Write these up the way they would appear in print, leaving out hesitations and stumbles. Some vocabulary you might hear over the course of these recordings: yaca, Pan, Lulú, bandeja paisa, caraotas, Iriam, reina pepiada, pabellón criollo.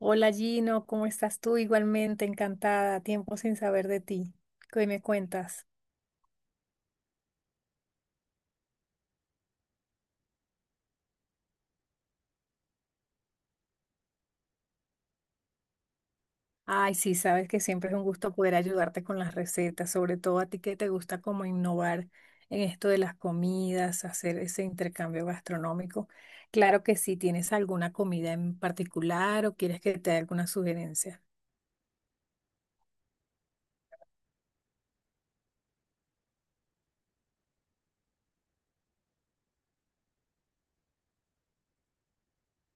Hola Gino, ¿cómo estás tú? Igualmente encantada, tiempo sin saber de ti. ¿Qué me cuentas? Ay, sí, sabes que siempre es un gusto poder ayudarte con las recetas, sobre todo a ti que te gusta como innovar en esto de las comidas, hacer ese intercambio gastronómico. Claro que sí, ¿tienes alguna comida en particular o quieres que te dé alguna sugerencia?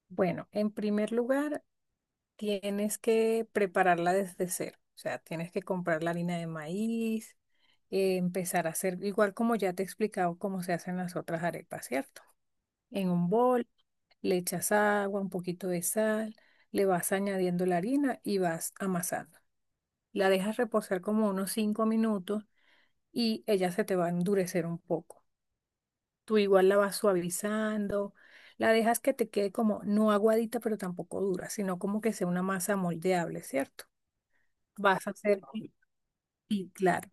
Bueno, en primer lugar, tienes que prepararla desde cero, o sea, tienes que comprar la harina de maíz, empezar a hacer, igual como ya te he explicado cómo se hacen las otras arepas, ¿cierto? En un bol, le echas agua, un poquito de sal, le vas añadiendo la harina y vas amasando. La dejas reposar como unos 5 minutos y ella se te va a endurecer un poco. Tú igual la vas suavizando, la dejas que te quede como no aguadita, pero tampoco dura, sino como que sea una masa moldeable, ¿cierto? Vas a hacer, y claro,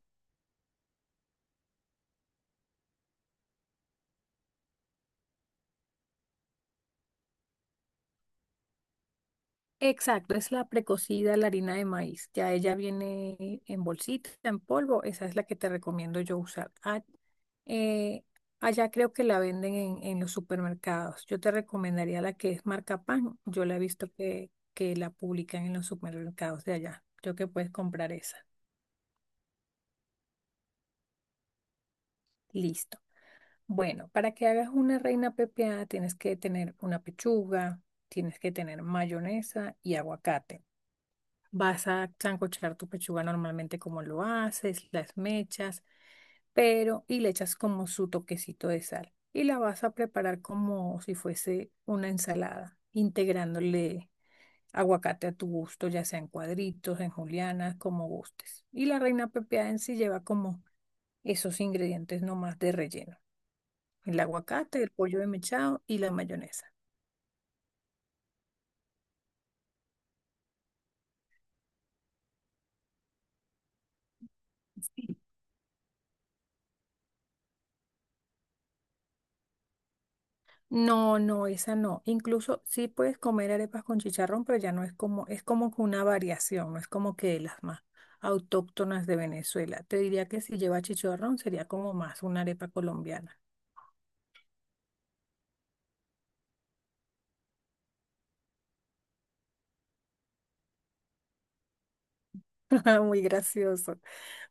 exacto, es la precocida, la harina de maíz. Ya ella viene en bolsita, en polvo, esa es la que te recomiendo yo usar. Ah, eh, allá creo que la venden en los supermercados. Yo te recomendaría la que es marca Pan. Yo la he visto que la publican en los supermercados de allá. Creo que puedes comprar esa. Listo. Bueno, para que hagas una reina pepiada tienes que tener una pechuga, tienes que tener mayonesa y aguacate. Vas a sancochar tu pechuga normalmente como lo haces, las mechas, pero y le echas como su toquecito de sal. Y la vas a preparar como si fuese una ensalada, integrándole aguacate a tu gusto, ya sea en cuadritos, en julianas, como gustes. Y la reina pepiada en sí lleva como esos ingredientes nomás de relleno, el aguacate, el pollo desmechado y la mayonesa. No, no, esa no. Incluso sí puedes comer arepas con chicharrón, pero ya no es como que una variación, no es como que de las más autóctonas de Venezuela. Te diría que si lleva chicharrón sería como más una arepa colombiana. Muy gracioso.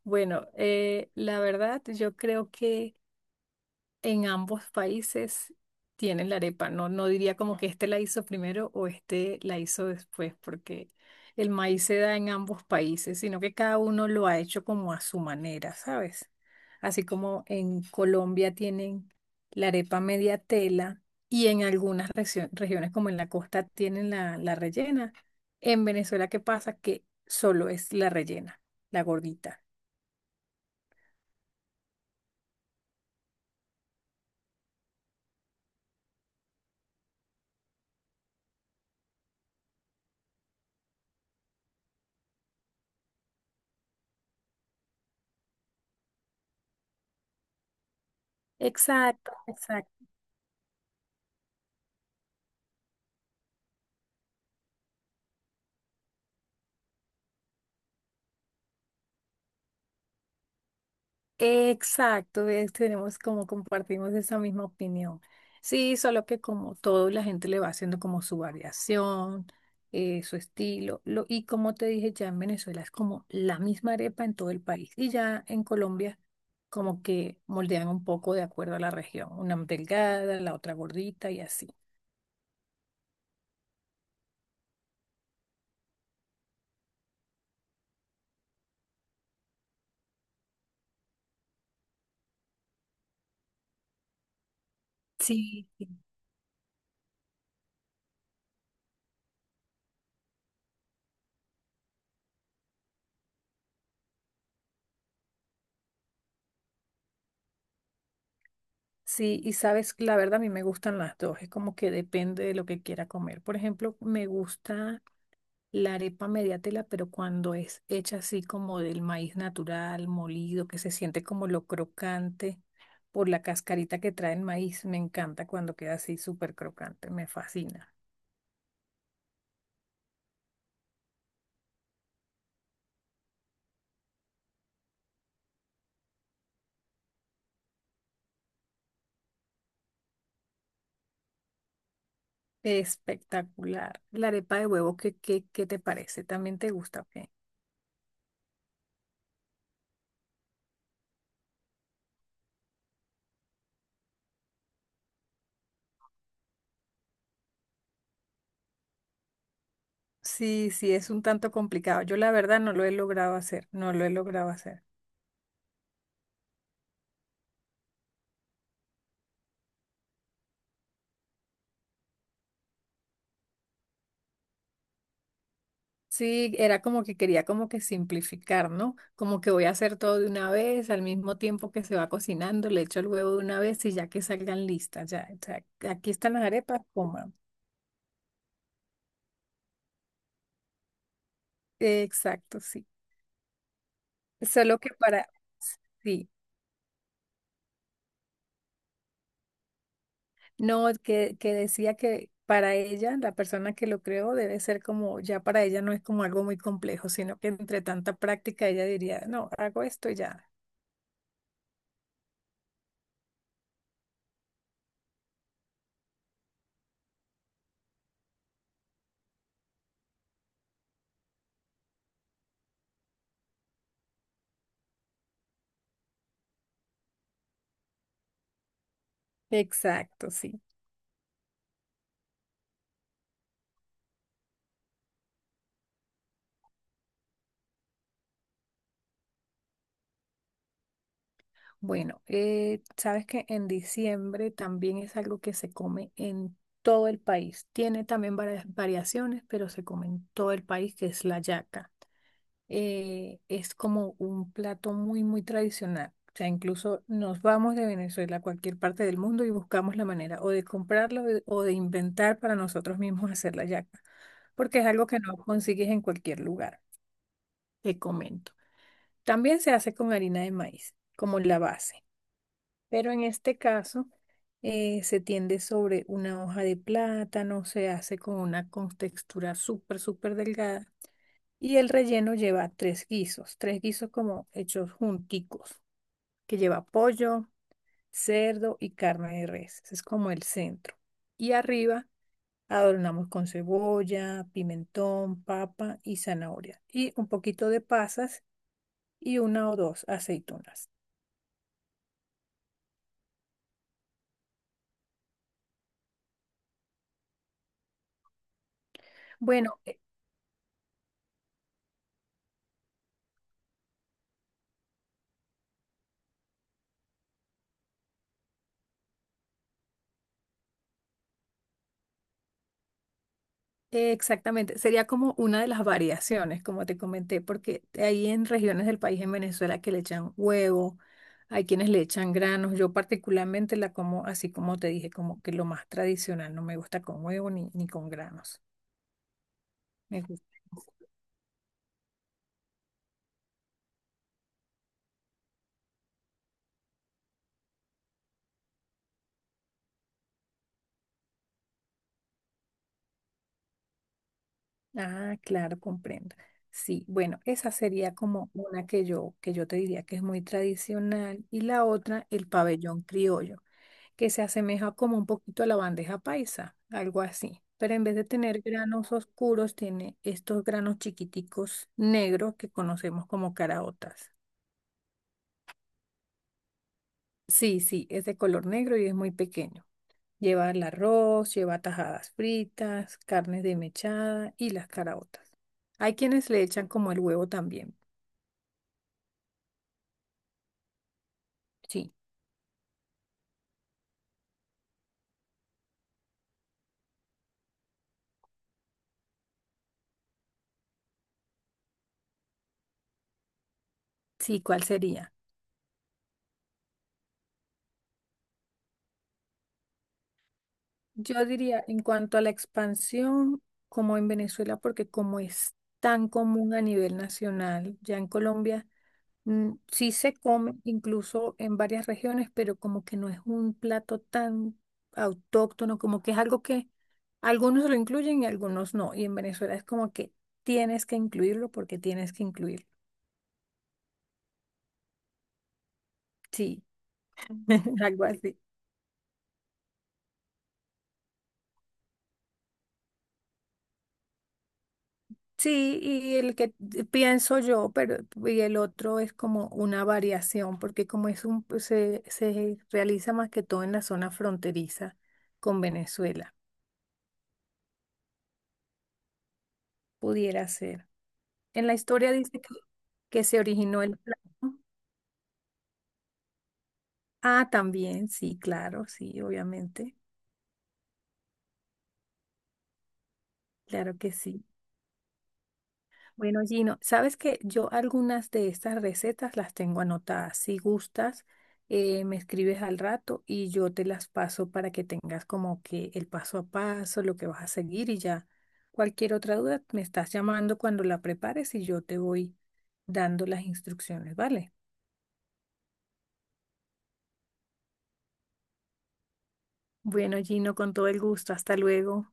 Bueno, la verdad, yo creo que en ambos países tienen la arepa. No, no diría como que este la hizo primero o este la hizo después, porque el maíz se da en ambos países, sino que cada uno lo ha hecho como a su manera, ¿sabes? Así como en Colombia tienen la arepa media tela y en algunas regiones como en la costa tienen la rellena. En Venezuela, ¿qué pasa? Que solo es la rellena, la gordita. Exacto, exacto. Exacto, ves, tenemos como compartimos esa misma opinión. Sí, solo que como todo, la gente le va haciendo como su variación, su estilo. Y como te dije, ya en Venezuela es como la misma arepa en todo el país. Y ya en Colombia como que moldean un poco de acuerdo a la región. Una delgada, la otra gordita y así. Sí, sí. Sí, y sabes, la verdad a mí me gustan las dos, es como que depende de lo que quiera comer. Por ejemplo, me gusta la arepa media tela, pero cuando es hecha así como del maíz natural, molido, que se siente como lo crocante por la cascarita que trae el maíz, me encanta cuando queda así súper crocante, me fascina. Espectacular. La arepa de huevo, ¿qué te parece? ¿También te gusta o qué? Sí, sí, es un tanto complicado. Yo la verdad no lo he logrado hacer, no lo he logrado hacer. Sí, era como que quería como que simplificar, ¿no? Como que voy a hacer todo de una vez, al mismo tiempo que se va cocinando, le echo el huevo de una vez y ya que salgan listas, ya, o sea, aquí están las arepas, coman. Exacto, sí. Solo que para, sí, no, que decía que para ella, la persona que lo creó debe ser como, ya para ella no es como algo muy complejo, sino que entre tanta práctica ella diría, no, hago esto y ya. Exacto, sí. Bueno, sabes que en diciembre también es algo que se come en todo el país. Tiene también varias variaciones, pero se come en todo el país, que es la yaca. Es como un plato muy, muy tradicional. O sea, incluso nos vamos de Venezuela a cualquier parte del mundo y buscamos la manera o de o de inventar para nosotros mismos hacer la yaca, porque es algo que no consigues en cualquier lugar, te comento. También se hace con harina de maíz, como la base. Pero en este caso se tiende sobre una hoja de plátano, se hace con una contextura súper, súper delgada y el relleno lleva tres guisos como hechos junticos, que lleva pollo, cerdo y carne de res. Ese es como el centro. Y arriba adornamos con cebolla, pimentón, papa y zanahoria y un poquito de pasas y una o dos aceitunas. Bueno, exactamente, sería como una de las variaciones, como te comenté, porque hay en regiones del país en Venezuela que le echan huevo, hay quienes le echan granos, yo particularmente la como así como te dije, como que lo más tradicional, no me gusta con huevo ni con granos. Me gusta. Ah, claro, comprendo. Sí, bueno, esa sería como una que yo te diría que es muy tradicional y la otra, el pabellón criollo, que se asemeja como un poquito a la bandeja paisa, algo así. Pero en vez de tener granos oscuros, tiene estos granos chiquiticos negros que conocemos como caraotas. Sí, sí, es de color negro y es muy pequeño. Lleva el arroz, lleva tajadas fritas, carnes de desmechada y las caraotas. Hay quienes le echan como el huevo también. Sí, sí, ¿cuál sería? Yo diría, en cuanto a la expansión, como en Venezuela, porque como es tan común a nivel nacional, ya en Colombia, mm, sí se come, incluso en varias regiones, pero como que no es un plato tan autóctono, como que es algo que algunos lo incluyen y algunos no. Y en Venezuela es como que tienes que incluirlo porque tienes que incluirlo. Sí, algo así. Sí, y el que pienso yo, pero y el otro es como una variación, porque como es un pues, se realiza más que todo en la zona fronteriza con Venezuela, pudiera ser. En la historia dice que se originó el plato. Ah, también, sí, claro, sí, obviamente, claro que sí. Bueno, Gino, sabes que yo algunas de estas recetas las tengo anotadas. Si gustas, me escribes al rato y yo te las paso para que tengas como que el paso a paso, lo que vas a seguir y ya. Cualquier otra duda, me estás llamando cuando la prepares y yo te voy dando las instrucciones, ¿vale? Bueno, Gino, con todo el gusto. Hasta luego.